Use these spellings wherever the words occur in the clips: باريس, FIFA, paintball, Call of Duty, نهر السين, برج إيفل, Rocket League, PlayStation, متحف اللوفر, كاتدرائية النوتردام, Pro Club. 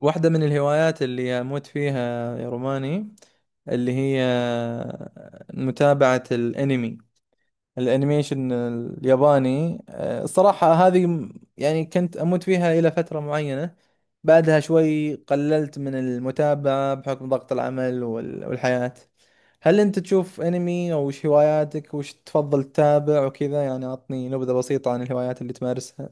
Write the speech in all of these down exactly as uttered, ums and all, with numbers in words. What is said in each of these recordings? واحدة من الهوايات اللي أموت فيها يا روماني، اللي هي متابعة الأنمي، الأنيميشن الياباني. أه، الصراحة هذه م- يعني كنت أموت فيها إلى فترة معينة، بعدها شوي قللت من المتابعة بحكم ضغط العمل وال- والحياة. هل أنت تشوف أنمي؟ أو وش هواياتك؟ وش تفضل تتابع وكذا؟ يعني أعطني نبذة بسيطة عن الهوايات اللي تمارسها.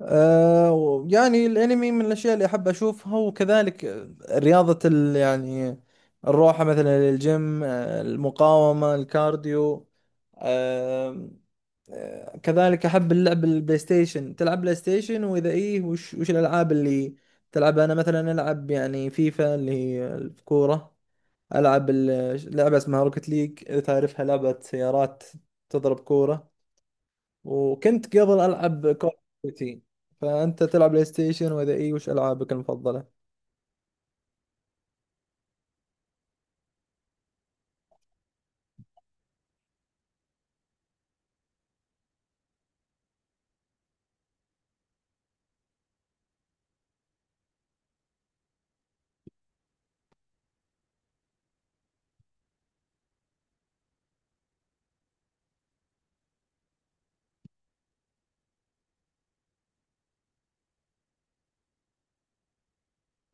آه و- يعني الانمي من الاشياء اللي احب اشوفها، وكذلك رياضة ال يعني الروحة مثلا للجيم، آه، المقاومة، الكارديو. آه آه، كذلك احب اللعب البلاي ستيشن. تلعب بلاي ستيشن؟ واذا ايه وش وش الالعاب اللي تلعبها؟ انا مثلا العب يعني فيفا اللي هي الكورة، العب ال- لعبة اسمها روكت ليج، اذا تعرفها، لعبة سيارات تضرب كورة. وكنت قبل العب كول اوف ديوتي. فانت تلعب بلاي ستيشن؟ واذا اي وش العابك المفضله؟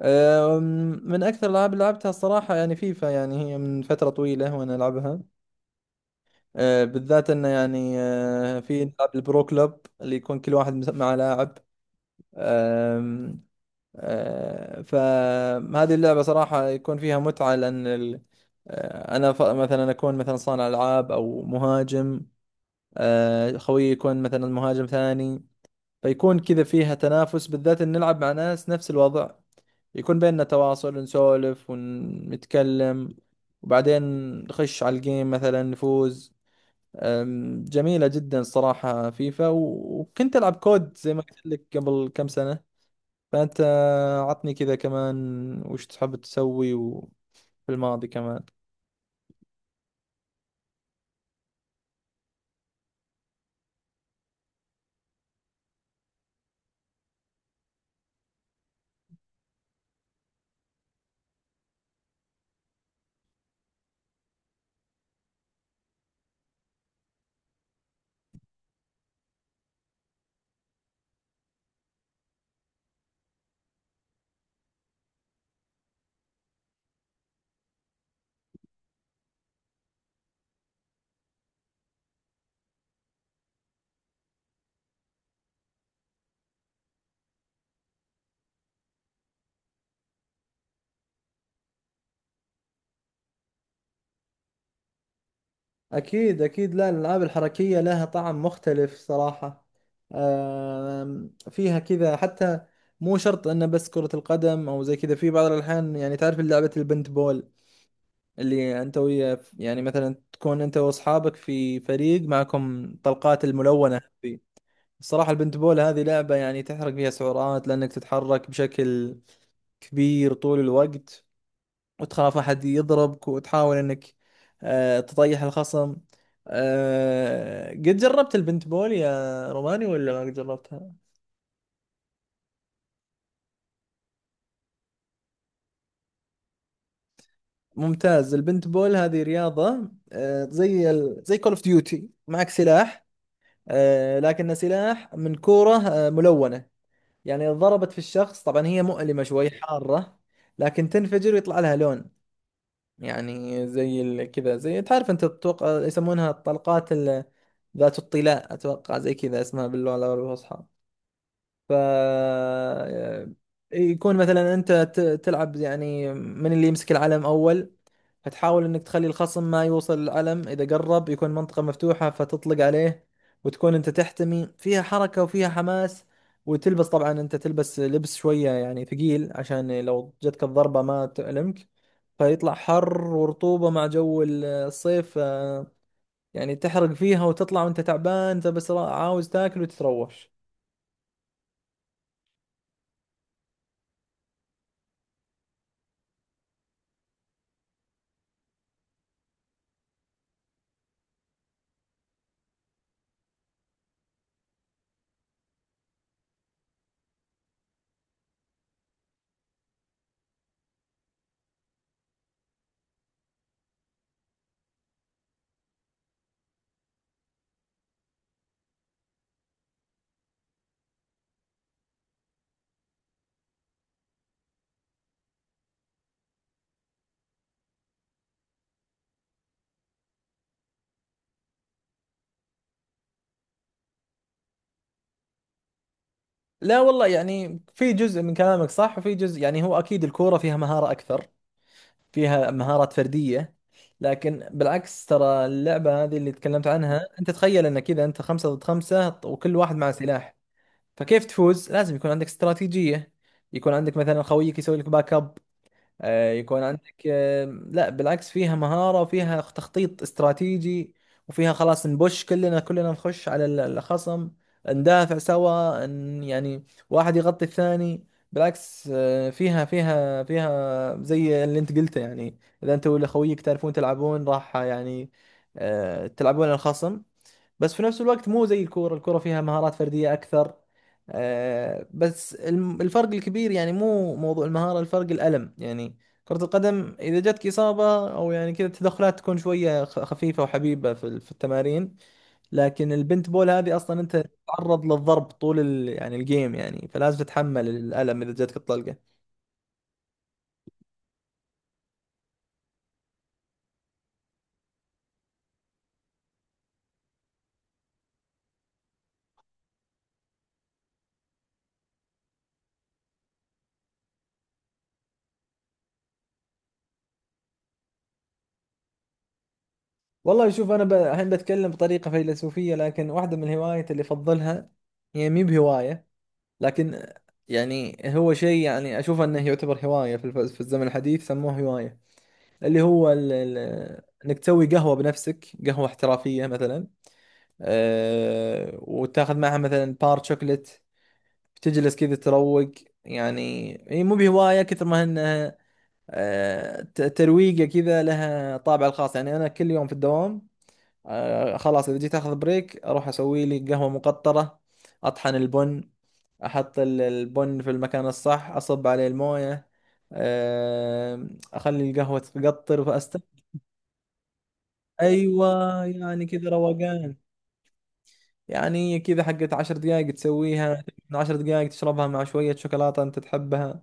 أم، من اكثر الالعاب اللي لعبتها الصراحه يعني فيفا، يعني هي من فتره طويله وانا العبها. أه، بالذات انه يعني أه، في نلعب البرو كلوب اللي يكون كل واحد مس- مع لاعب. أم، أه، فهذه اللعبه صراحه يكون فيها متعه لان ال- أه، انا ف- مثلا اكون مثلا صانع العاب او مهاجم، أه، خويي يكون مثلا مهاجم ثاني، فيكون كذا فيها تنافس، بالذات إن نلعب مع ناس نفس الوضع، يكون بيننا تواصل، نسولف ونتكلم، وبعدين نخش على الجيم مثلا نفوز. أم، جميلة جدا صراحة فيفا، و- وكنت ألعب كود زي ما قلت لك قبل كم سنة. فأنت عطني كذا كمان، وش تحب تسوي و- في الماضي كمان؟ أكيد أكيد، لا الألعاب الحركية لها طعم مختلف صراحة. آم، فيها كذا حتى، مو شرط أنه بس كرة القدم أو زي كذا. في بعض الأحيان يعني تعرف لعبة البنت بول اللي أنت ويا يعني مثلا تكون أنت وأصحابك في فريق معكم طلقات الملونة هذه. الصراحة البنت بول هذه لعبة يعني تحرق فيها سعرات، لأنك تتحرك بشكل كبير طول الوقت، وتخاف أحد يضربك، وتحاول إنك آه، تطيح الخصم. آه، قد جربت البنت بول يا روماني ولا ما قد جربتها؟ ممتاز. البنت بول هذه رياضة آه، زي ال... زي كول اوف ديوتي، معك سلاح، آه، لكنه سلاح من كورة آه، ملونة. يعني إذا ضربت في الشخص طبعا هي مؤلمة شوي، حارة، لكن تنفجر ويطلع لها لون. يعني زي ال- كذا، زي تعرف انت تتوقع يسمونها الطلقات ال- ذات الطلاء، اتوقع زي كذا اسمها باللغه العربيه الفصحى. ف آه، يكون مثلا انت ت- تلعب، يعني من اللي يمسك العلم اول، فتحاول انك تخلي الخصم ما يوصل الألم، اذا قرب يكون منطقة مفتوحة فتطلق عليه، وتكون انت تحتمي. فيها حركة وفيها حماس. وتلبس، طبعا انت تلبس لبس شوية يعني ثقيل عشان لو جتك الضربة ما تألمك. فيطلع حر ورطوبة مع جو ال- الصيف. آه، يعني تحرق فيها وتطلع وانت تعبان، انت بس را- عاوز تاكل وتتروش. لا والله، يعني في جزء من كلامك صح، وفي جزء يعني هو اكيد الكورة فيها مهارة اكثر، فيها مهارات فردية، لكن بالعكس ترى اللعبة هذه اللي تكلمت عنها أنت، تخيل أن كذا أنت خمسة ضد خمسة وكل واحد مع سلاح، فكيف تفوز؟ لازم يكون عندك استراتيجية، يكون عندك مثلا خويك يسوي لك باك اب، آه، يكون عندك آه، لا بالعكس فيها مهارة وفيها تخطيط استراتيجي، وفيها خلاص نبش، كلنا كلنا نخش على ال- الخصم، ندافع سوا، ن- يعني واحد يغطي الثاني. بالعكس آه، فيها فيها فيها زي اللي انت قلته يعني، اذا انت ولا خويك تعرفون تلعبون راح يعني آه، تلعبون على الخصم. بس في نفس الوقت مو زي الكورة. الكورة فيها مهارات فردية أكثر. آه، بس الم- الفرق الكبير يعني مو موضوع المهارة، الفرق الألم يعني. كرة القدم إذا جاتك إصابة أو يعني كذا التدخلات تكون شوية خ- خفيفة وحبيبة في ال- في التمارين، لكن البنت بول هذه أصلا أنت تتعرض للضرب طول ال يعني الجيم يعني، فلازم تتحمل الألم إذا جاتك الطلقة. والله شوف، أنا ب- الحين بتكلم بطريقة فيلسوفية، لكن واحدة من الهوايات اللي أفضلها هي مي بهواية، لكن يعني هو شيء يعني اشوف انه يعتبر هوايه، في الف- في الزمن الحديث سموه هوايه، اللي هو ال ال انك تسوي قهوه بنفسك، قهوه احترافيه مثلا، أه وتاخذ معها مثلا بار شوكلت، تجلس كذا تروق. يعني هي مو بهوايه كثر ما انها أه ت- ترويقه كذا، لها طابع الخاص. يعني انا كل يوم في الدوام، آه خلاص اذا جيت اخذ بريك اروح اسوي لي قهوة مقطرة، اطحن البن، احط ال- البن في المكان الصح، اصب عليه الموية، آه اخلي القهوة تقطر فاست. ايوه يعني كذا روقان، يعني كذا حقت عشر دقائق تسويها، من عشر دقائق تشربها مع شوية شوكولاتة انت تحبها،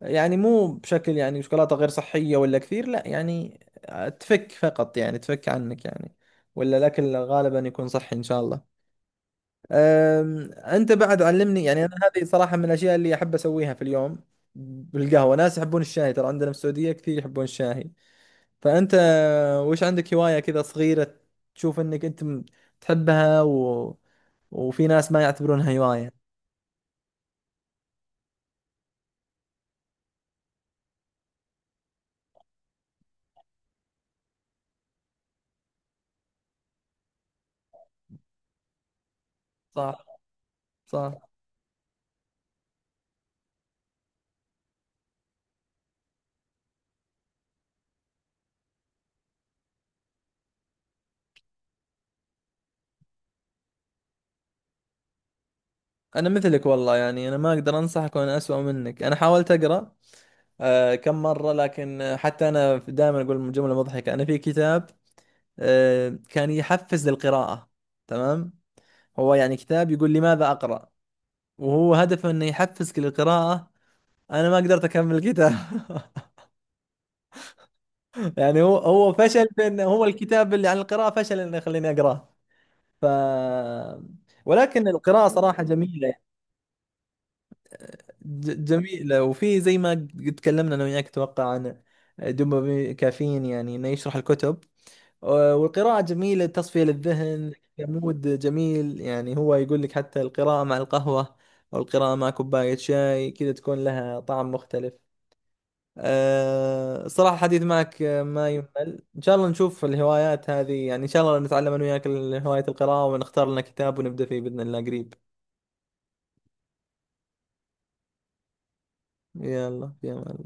يعني مو بشكل يعني شوكولاتة غير صحية ولا كثير، لا يعني، آه، تفك فقط يعني، تفك عنك يعني، ولا الأكل غالبا يكون صحي إن شاء الله. أم، انت بعد علمني يعني، انا هذه صراحه من الاشياء اللي احب اسويها في اليوم بالقهوه. ناس يحبون الشاي، ترى عندنا في السعوديه كثير يحبون الشاي. فانت وش عندك هوايه كذا صغيره تشوف انك انت م- تحبها، و... وفي ناس ما يعتبرونها هوايه؟ صح صح. انا مثلك والله، يعني انا ما اقدر انصحك وانا اسوأ منك. انا حاولت اقرا أه كم مره، لكن حتى انا دائما اقول جمله مضحكه، انا في كتاب أه كان يحفز للقراءه، تمام، هو يعني كتاب يقول لماذا أقرأ، وهو هدفه إنه يحفزك للقراءة، أنا ما قدرت أكمل الكتاب. يعني هو هو فشل في إنه هو الكتاب اللي عن القراءة فشل إنه يخليني أقرأه. ف ولكن القراءة صراحة جميلة. ج- جميلة، وفي زي ما قد تكلمنا أنا وياك أتوقع عن دوبامين كافيين، يعني إنه يشرح الكتب. آه، والقراءة جميلة، تصفية للذهن، كمود جميل. يعني هو يقول لك حتى القراءة مع القهوة أو القراءة مع كوباية شاي كذا تكون لها طعم مختلف. أه صراحة حديث معك آه، ما يمل. إن شاء الله نشوف الهوايات هذه، يعني إن شاء الله نتعلم أنا وياك ال- هواية القراءة، ونختار لنا كتاب ونبدأ فيه بإذن الله قريب. يلا في أمان.